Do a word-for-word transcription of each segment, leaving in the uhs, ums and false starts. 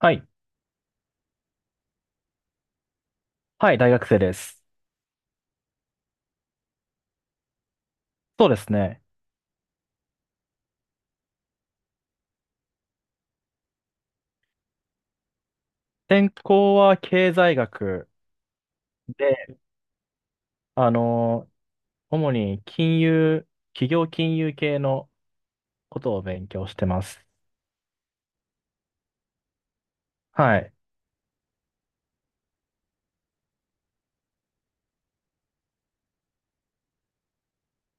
はい。はい、大学生です。そうですね。専攻は経済学で、あの、主に金融、企業金融系のことを勉強してます。はい。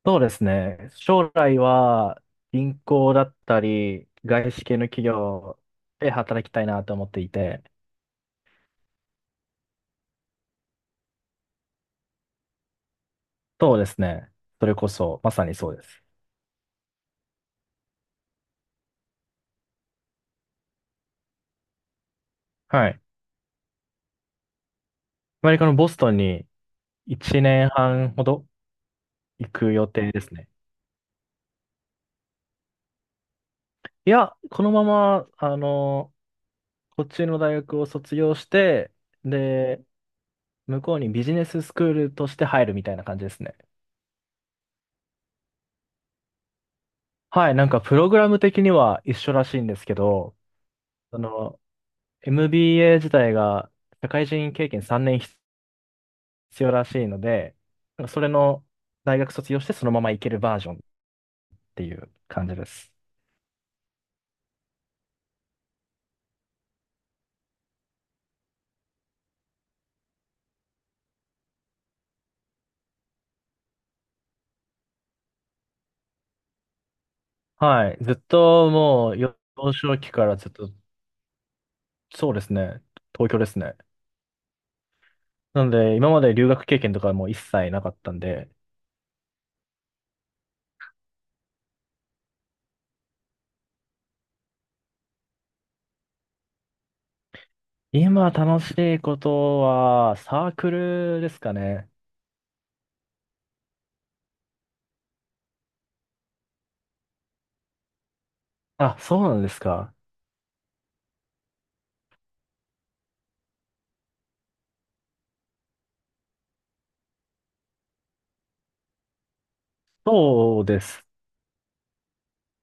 そうですね。将来は銀行だったり、外資系の企業で働きたいなと思っていて、そうですね。それこそ、まさにそうです。はい。アメリカのボストンにいちねんはんほど行く予定ですね。いや、このまま、あの、こっちの大学を卒業して、で、向こうにビジネススクールとして入るみたいな感じですね。はい、なんかプログラム的には一緒らしいんですけど、その エムビーエー 自体が社会人経験さんねん必要らしいので、なんかそれの大学卒業してそのまま行けるバージョンっていう感じです。はい、ずっともう幼少期からずっと、そうですね、東京ですね。なので今まで留学経験とかも一切なかったんで、今楽しいことは、サークルですかね。あ、そうなんですか。そうです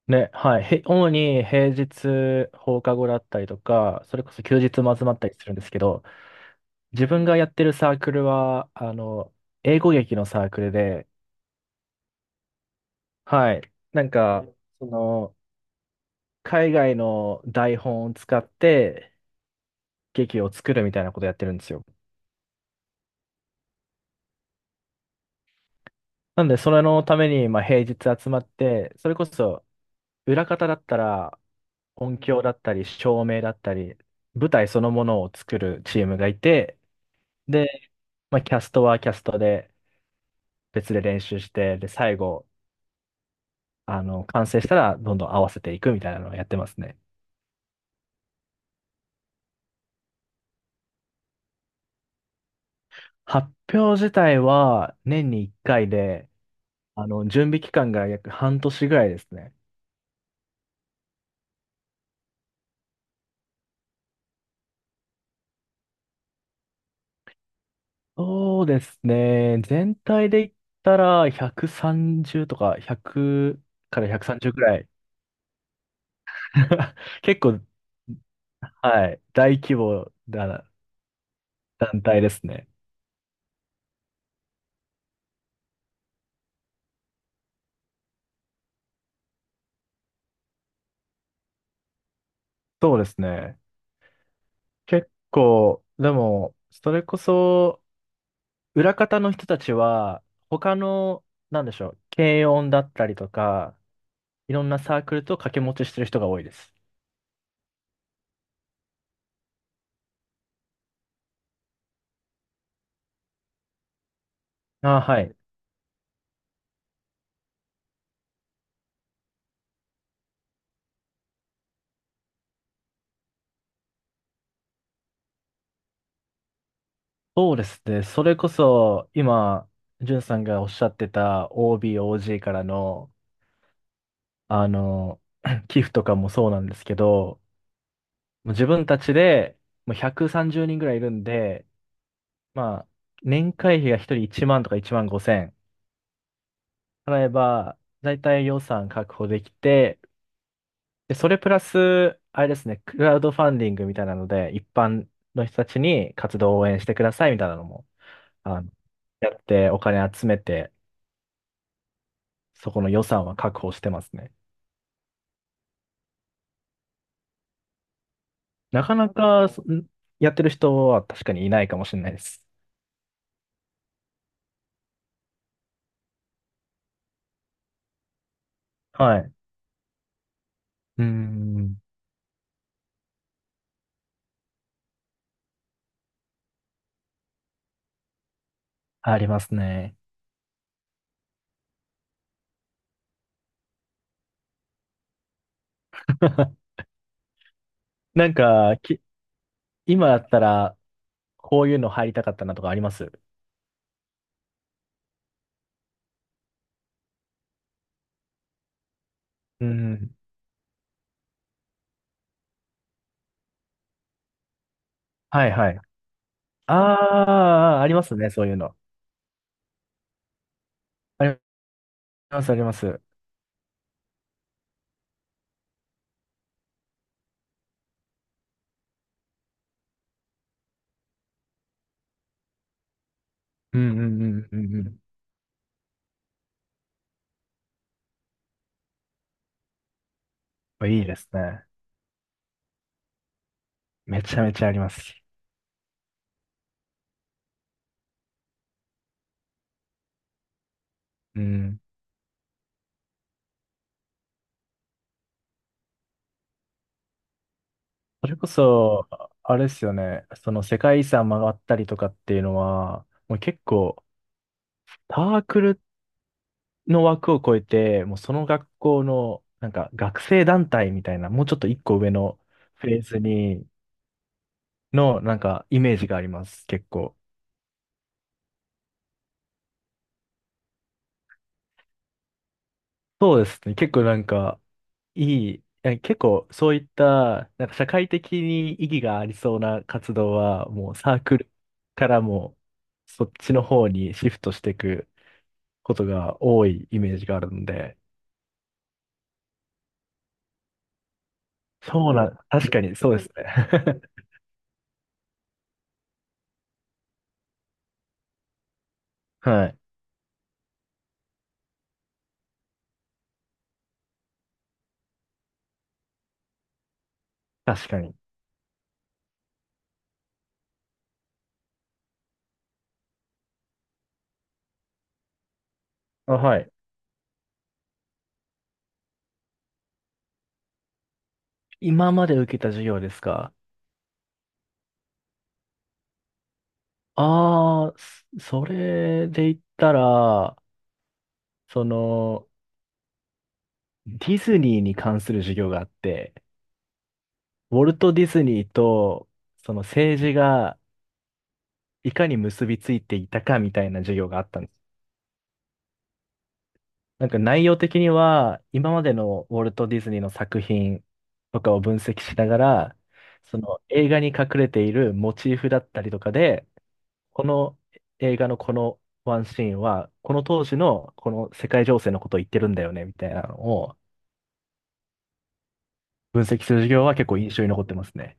ね。はい。へ主に平日放課後だったりとか、それこそ休日も集まったりするんですけど、自分がやってるサークルは、あの、英語劇のサークルで、はい。なんか、その、海外の台本を使って劇を作るみたいなことやってるんですよ。なんで、それのために、まあ、平日集まって、それこそ、裏方だったら、音響だったり、照明だったり、舞台そのものを作るチームがいて、で、まあ、キャストはキャストで別で練習して、で、最後、あの、完成したらどんどん合わせていくみたいなのをやってますね。発表自体は年にいっかいで、あの、準備期間が約半年ぐらいですね。そうですね。全体で言ったらひゃくさんじゅうとかひゃくからひゃくさんじゅうぐらい。結構、はい。大規模だ団体ですね。そうですね。結構、でも、それこそ、裏方の人たちは、他の、なんでしょう、軽音だったりとか、いろんなサークルと掛け持ちしてる人が多いです。ああ、はい。そうですね。それこそ、今、じゅんさんがおっしゃってた オービー、オージー からの、あの、寄付とかもそうなんですけど、もう自分たちで、もうひゃくさんじゅうにんぐらいいるんで、まあ、年会費がひとりいちまんとかいちまんごせん、払えば、だいたい予算確保できて、で、それプラス、あれですね、クラウドファンディングみたいなので、一般の人たちに活動を応援してくださいみたいなのも、あの、やってお金集めて、そこの予算は確保してますね。なかなか、そんやってる人は確かにいないかもしれないです。はい。うーん、ありますね。なんか、き、今だったら、こういうの入りたかったなとかあります？うん。はいはい。ああ、ありますね、そういうの。あります、あります。うんうんうんうんうん。いいですね。めちゃめちゃあります。うん。それこそ、あれですよね。その世界遺産回ったりとかっていうのは、もう結構、サークルの枠を超えて、もうその学校の、なんか学生団体みたいな、もうちょっと一個上のフェーズに、の、なんかイメージがあります、結構。そうですね。結構なんか、いい、いや結構そういった、なんか社会的に意義がありそうな活動は、もうサークルからも、そっちの方にシフトしていくことが多いイメージがあるので、そうな、確かにそうですね。はい。確かに。あ、はい。今まで受けた授業ですか？ああ、そそれで言ったら、その、ディズニーに関する授業があって、ウォルト・ディズニーと、その政治がいかに結びついていたかみたいな授業があったんです。なんか内容的には、今までのウォルト・ディズニーの作品とかを分析しながら、その映画に隠れているモチーフだったりとかで、この映画のこのワンシーンは、この当時のこの世界情勢のことを言ってるんだよね、みたいなのを分析する授業は結構印象に残ってますね。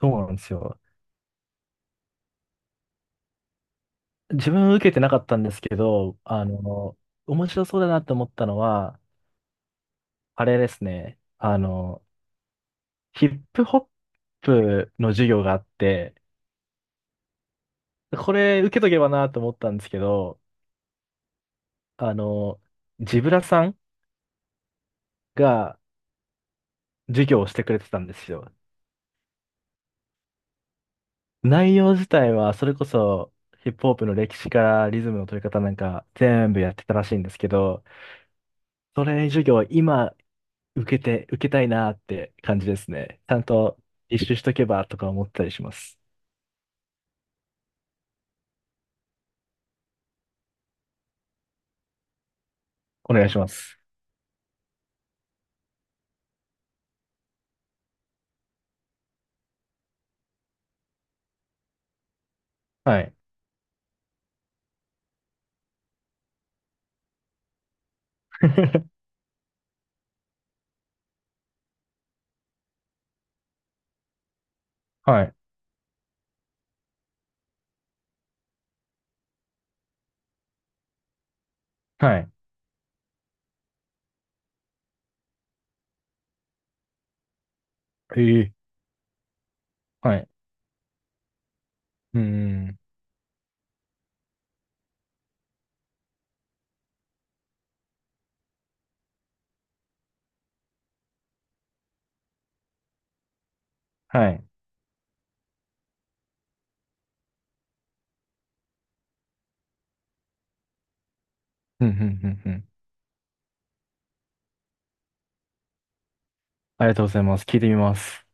そうなんですよ。自分受けてなかったんですけど、あの、面白そうだなと思ったのは、あれですね。あの、ヒップホップの授業があって、これ受けとけばなと思ったんですけど、あの、ジブラさんが授業をしてくれてたんですよ。内容自体はそれこそヒップホップの歴史からリズムの取り方なんか全部やってたらしいんですけど、それ授業今受けて、受けたいなって感じですね。ちゃんと実習しとけばとか思ったりします。お願いします。はい。はい。はい。ええはい。うんうん。はい。うんうんうんうん。ありがとうございます。聞いてみます。